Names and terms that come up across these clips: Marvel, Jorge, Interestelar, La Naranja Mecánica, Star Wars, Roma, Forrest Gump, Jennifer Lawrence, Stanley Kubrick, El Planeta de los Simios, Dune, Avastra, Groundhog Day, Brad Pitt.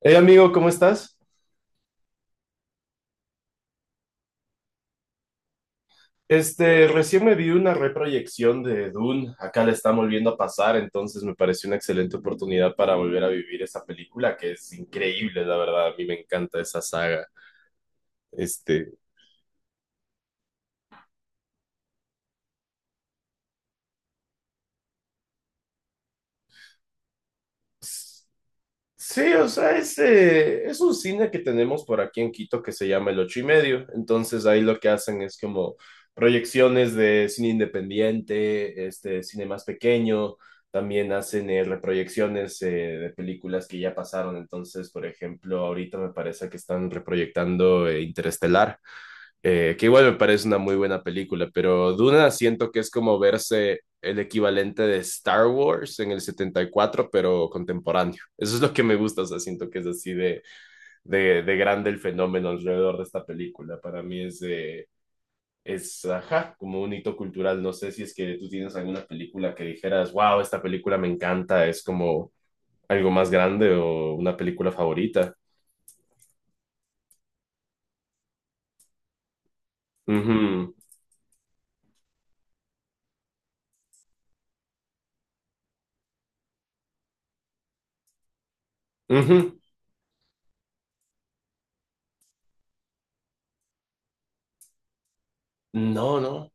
Hey amigo, ¿cómo estás? Recién me vi una reproyección de Dune, acá la están volviendo a pasar, entonces me pareció una excelente oportunidad para volver a vivir esa película que es increíble, la verdad, a mí me encanta esa saga. Este, pues, es un cine que tenemos por aquí en Quito que se llama El Ocho y Medio. Entonces ahí lo que hacen es como proyecciones de cine independiente, este cine más pequeño. También hacen reproyecciones de películas que ya pasaron. Entonces, por ejemplo, ahorita me parece que están reproyectando Interestelar, que igual me parece una muy buena película, pero Duna siento que es como verse el equivalente de Star Wars en el 74 pero contemporáneo. Eso es lo que me gusta, o sea, siento que es así de, de grande el fenómeno alrededor de esta película. Para mí es como un hito cultural. No sé si es que tú tienes alguna película que dijeras, wow, esta película me encanta, es como algo más grande o una película favorita. Ujú, ujú. No, no.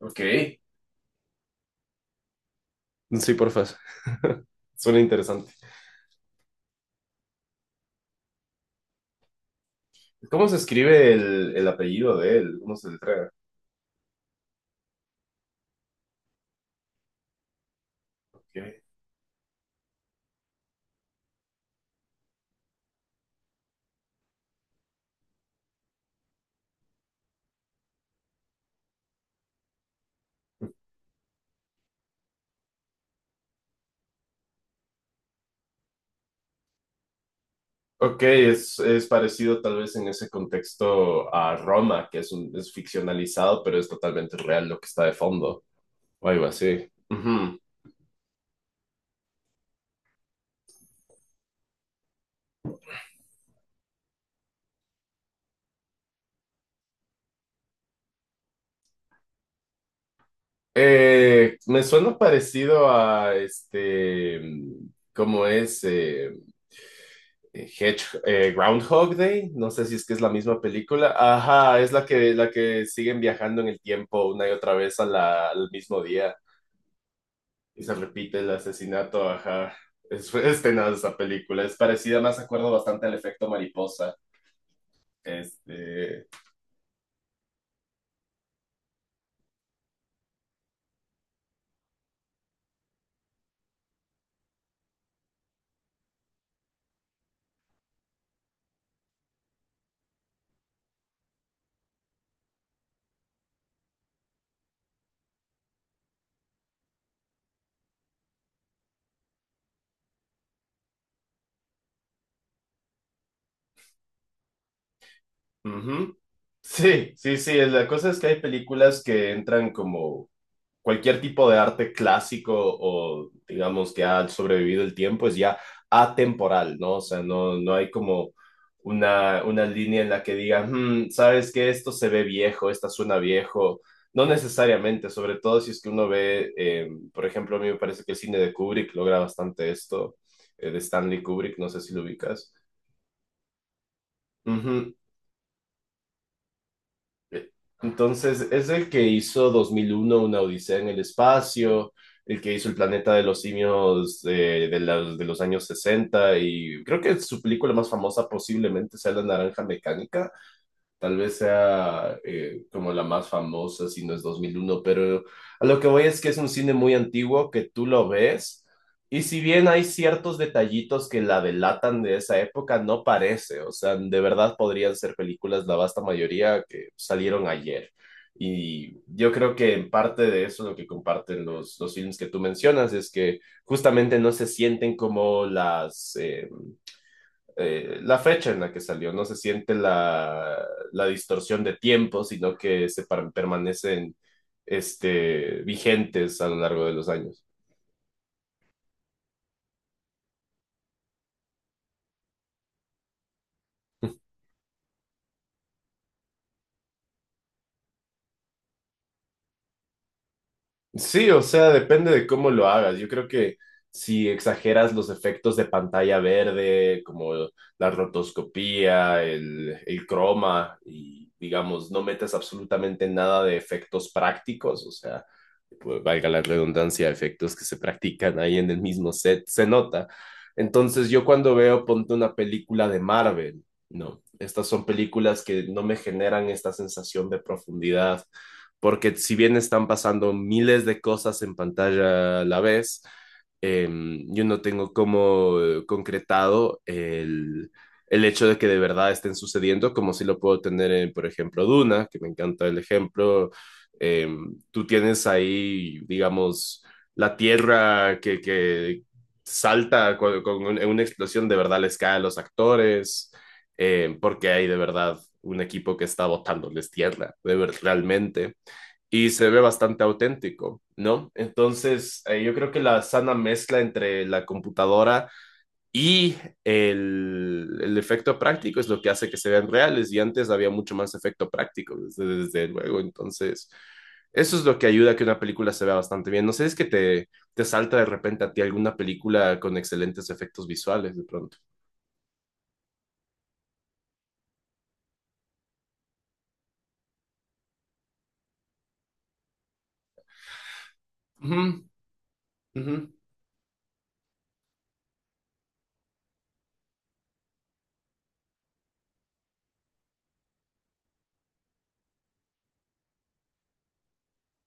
Ok. Sí, porfa. Suena interesante. ¿Cómo se escribe el apellido de él? ¿Cómo se letra? Ok. Ok, es parecido tal vez en ese contexto a Roma, que es ficcionalizado, pero es totalmente real lo que está de fondo, o algo así. Ujú. Me suena parecido a ¿cómo es? Groundhog Day, no sé si es que es la misma película. Ajá, es la que siguen viajando en el tiempo una y otra vez a al mismo día. Y se repite el asesinato, ajá. Es, fue tenaz esa película. Es parecida, más acuerdo bastante al efecto mariposa. Este. Ujú. Sí, sí, sí. La cosa es que hay películas que entran como cualquier tipo de arte clásico o digamos que ha sobrevivido el tiempo es ya atemporal, ¿no? O sea, no, no hay como una línea en la que diga, "Hmm, sabes que esto se ve viejo, esta suena viejo". No necesariamente, sobre todo si es que uno ve, por ejemplo, a mí me parece que el cine de Kubrick logra bastante esto, de Stanley Kubrick, no sé si lo ubicas. Ujú. Eh, Entonces, es el que hizo 2001 Una Odisea en el Espacio, el que hizo El Planeta de los Simios de los años 60 y creo que su película más famosa posiblemente sea La Naranja Mecánica. Tal vez sea como la más famosa, si no es 2001, pero a lo que voy es que es un cine muy antiguo que tú lo ves y si bien hay ciertos detallitos que la delatan de esa época, no parece, o sea, de verdad podrían ser películas, la vasta mayoría, que salieron ayer. Y yo creo que en parte de eso lo que comparten los films que tú mencionas es que justamente no se sienten como la fecha en la que salió. No se siente la, la distorsión de tiempo, sino que permanecen vigentes a lo largo de los años. Sí, o sea, depende de cómo lo hagas. Yo creo que si exageras los efectos de pantalla verde, como la rotoscopía, el croma, y digamos, no metes absolutamente nada de efectos prácticos, o sea, valga la redundancia, efectos que se practican ahí en el mismo set, se nota. Entonces yo cuando veo, ponte una película de Marvel, no, estas son películas que no me generan esta sensación de profundidad, porque si bien están pasando miles de cosas en pantalla a la vez, eh, yo no tengo como concretado el hecho de que de verdad estén sucediendo, como si lo puedo tener en, por ejemplo, Duna, que me encanta el ejemplo. eh, Tú tienes ahí, digamos, la tierra que salta con una explosión, de verdad les cae a los actores, porque hay de verdad un equipo que está botándoles tierra, de ver, realmente. Y se ve bastante auténtico, ¿no? Entonces, yo creo que la sana mezcla entre la computadora y el efecto práctico es lo que hace que se vean reales y antes había mucho más efecto práctico, desde, desde luego. Entonces, eso es lo que ayuda a que una película se vea bastante bien. No sé, es que te salta de repente a ti alguna película con excelentes efectos visuales de pronto. Ujú, ujú.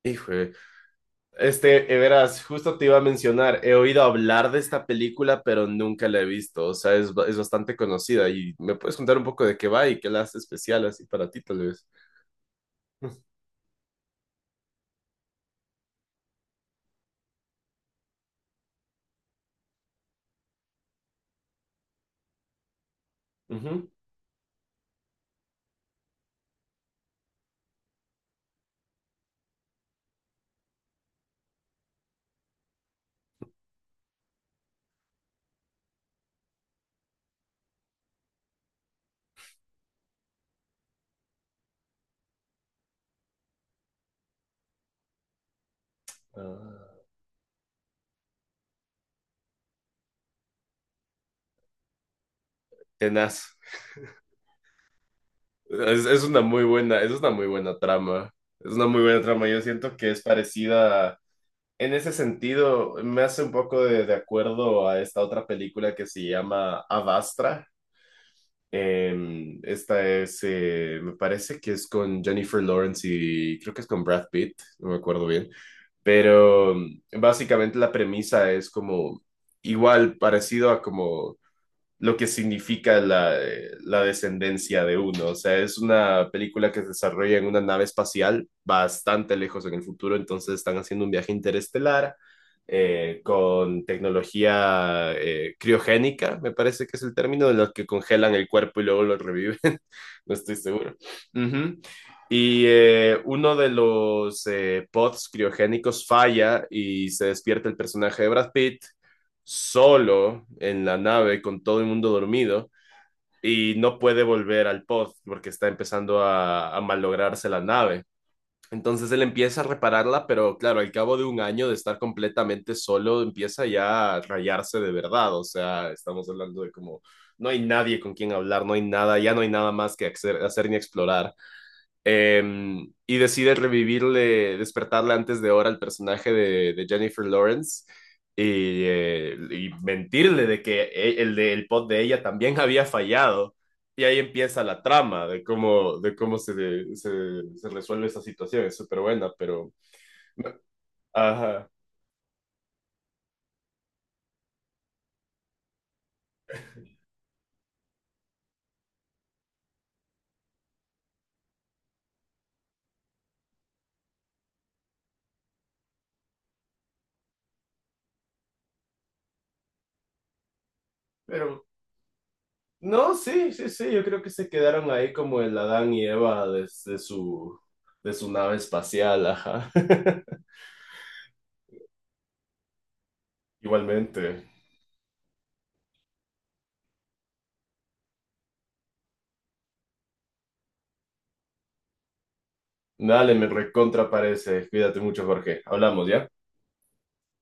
Hijo, eh. Verás, justo te iba a mencionar, he oído hablar de esta película, pero nunca la he visto, o sea, es bastante conocida y me puedes contar un poco de qué va y qué la hace especial así para ti, tal vez. Ujú. Tenaz. Es una muy buena, es una muy buena trama. Es una muy buena trama. Yo siento que es parecida a- En ese sentido, me hace un poco de acuerdo a esta otra película que se llama Avastra. Esta es, me parece que es con Jennifer Lawrence y creo que es con Brad Pitt, no me acuerdo bien. Pero básicamente la premisa es como igual, parecido a como lo que significa la, la descendencia de uno. O sea, es una película que se desarrolla en una nave espacial bastante lejos en el futuro, entonces están haciendo un viaje interestelar con tecnología criogénica, me parece que es el término, de los que congelan el cuerpo y luego lo reviven, no estoy seguro. Ujú. Y uno de los pods criogénicos falla y se despierta el personaje de Brad Pitt solo en la nave con todo el mundo dormido y no puede volver al pod porque está empezando a malograrse la nave. Entonces él empieza a repararla, pero claro, al cabo de un año de estar completamente solo, empieza ya a rayarse de verdad. O sea, estamos hablando de como no hay nadie con quien hablar, no hay nada, ya no hay nada más que hacer, hacer ni explorar. Eh, y decide revivirle, despertarle antes de hora al personaje de Jennifer Lawrence y mentirle de que el pod de ella también había fallado. Y ahí empieza la trama de cómo se, se resuelve esa situación. Es súper buena, pero... Ajá, pero... No, sí, sí, sí, yo creo que se quedaron ahí como el Adán y Eva desde su, de su nave espacial, ajá. Igualmente. Dale, me recontra parece. Cuídate mucho, Jorge. Hablamos, ¿ya?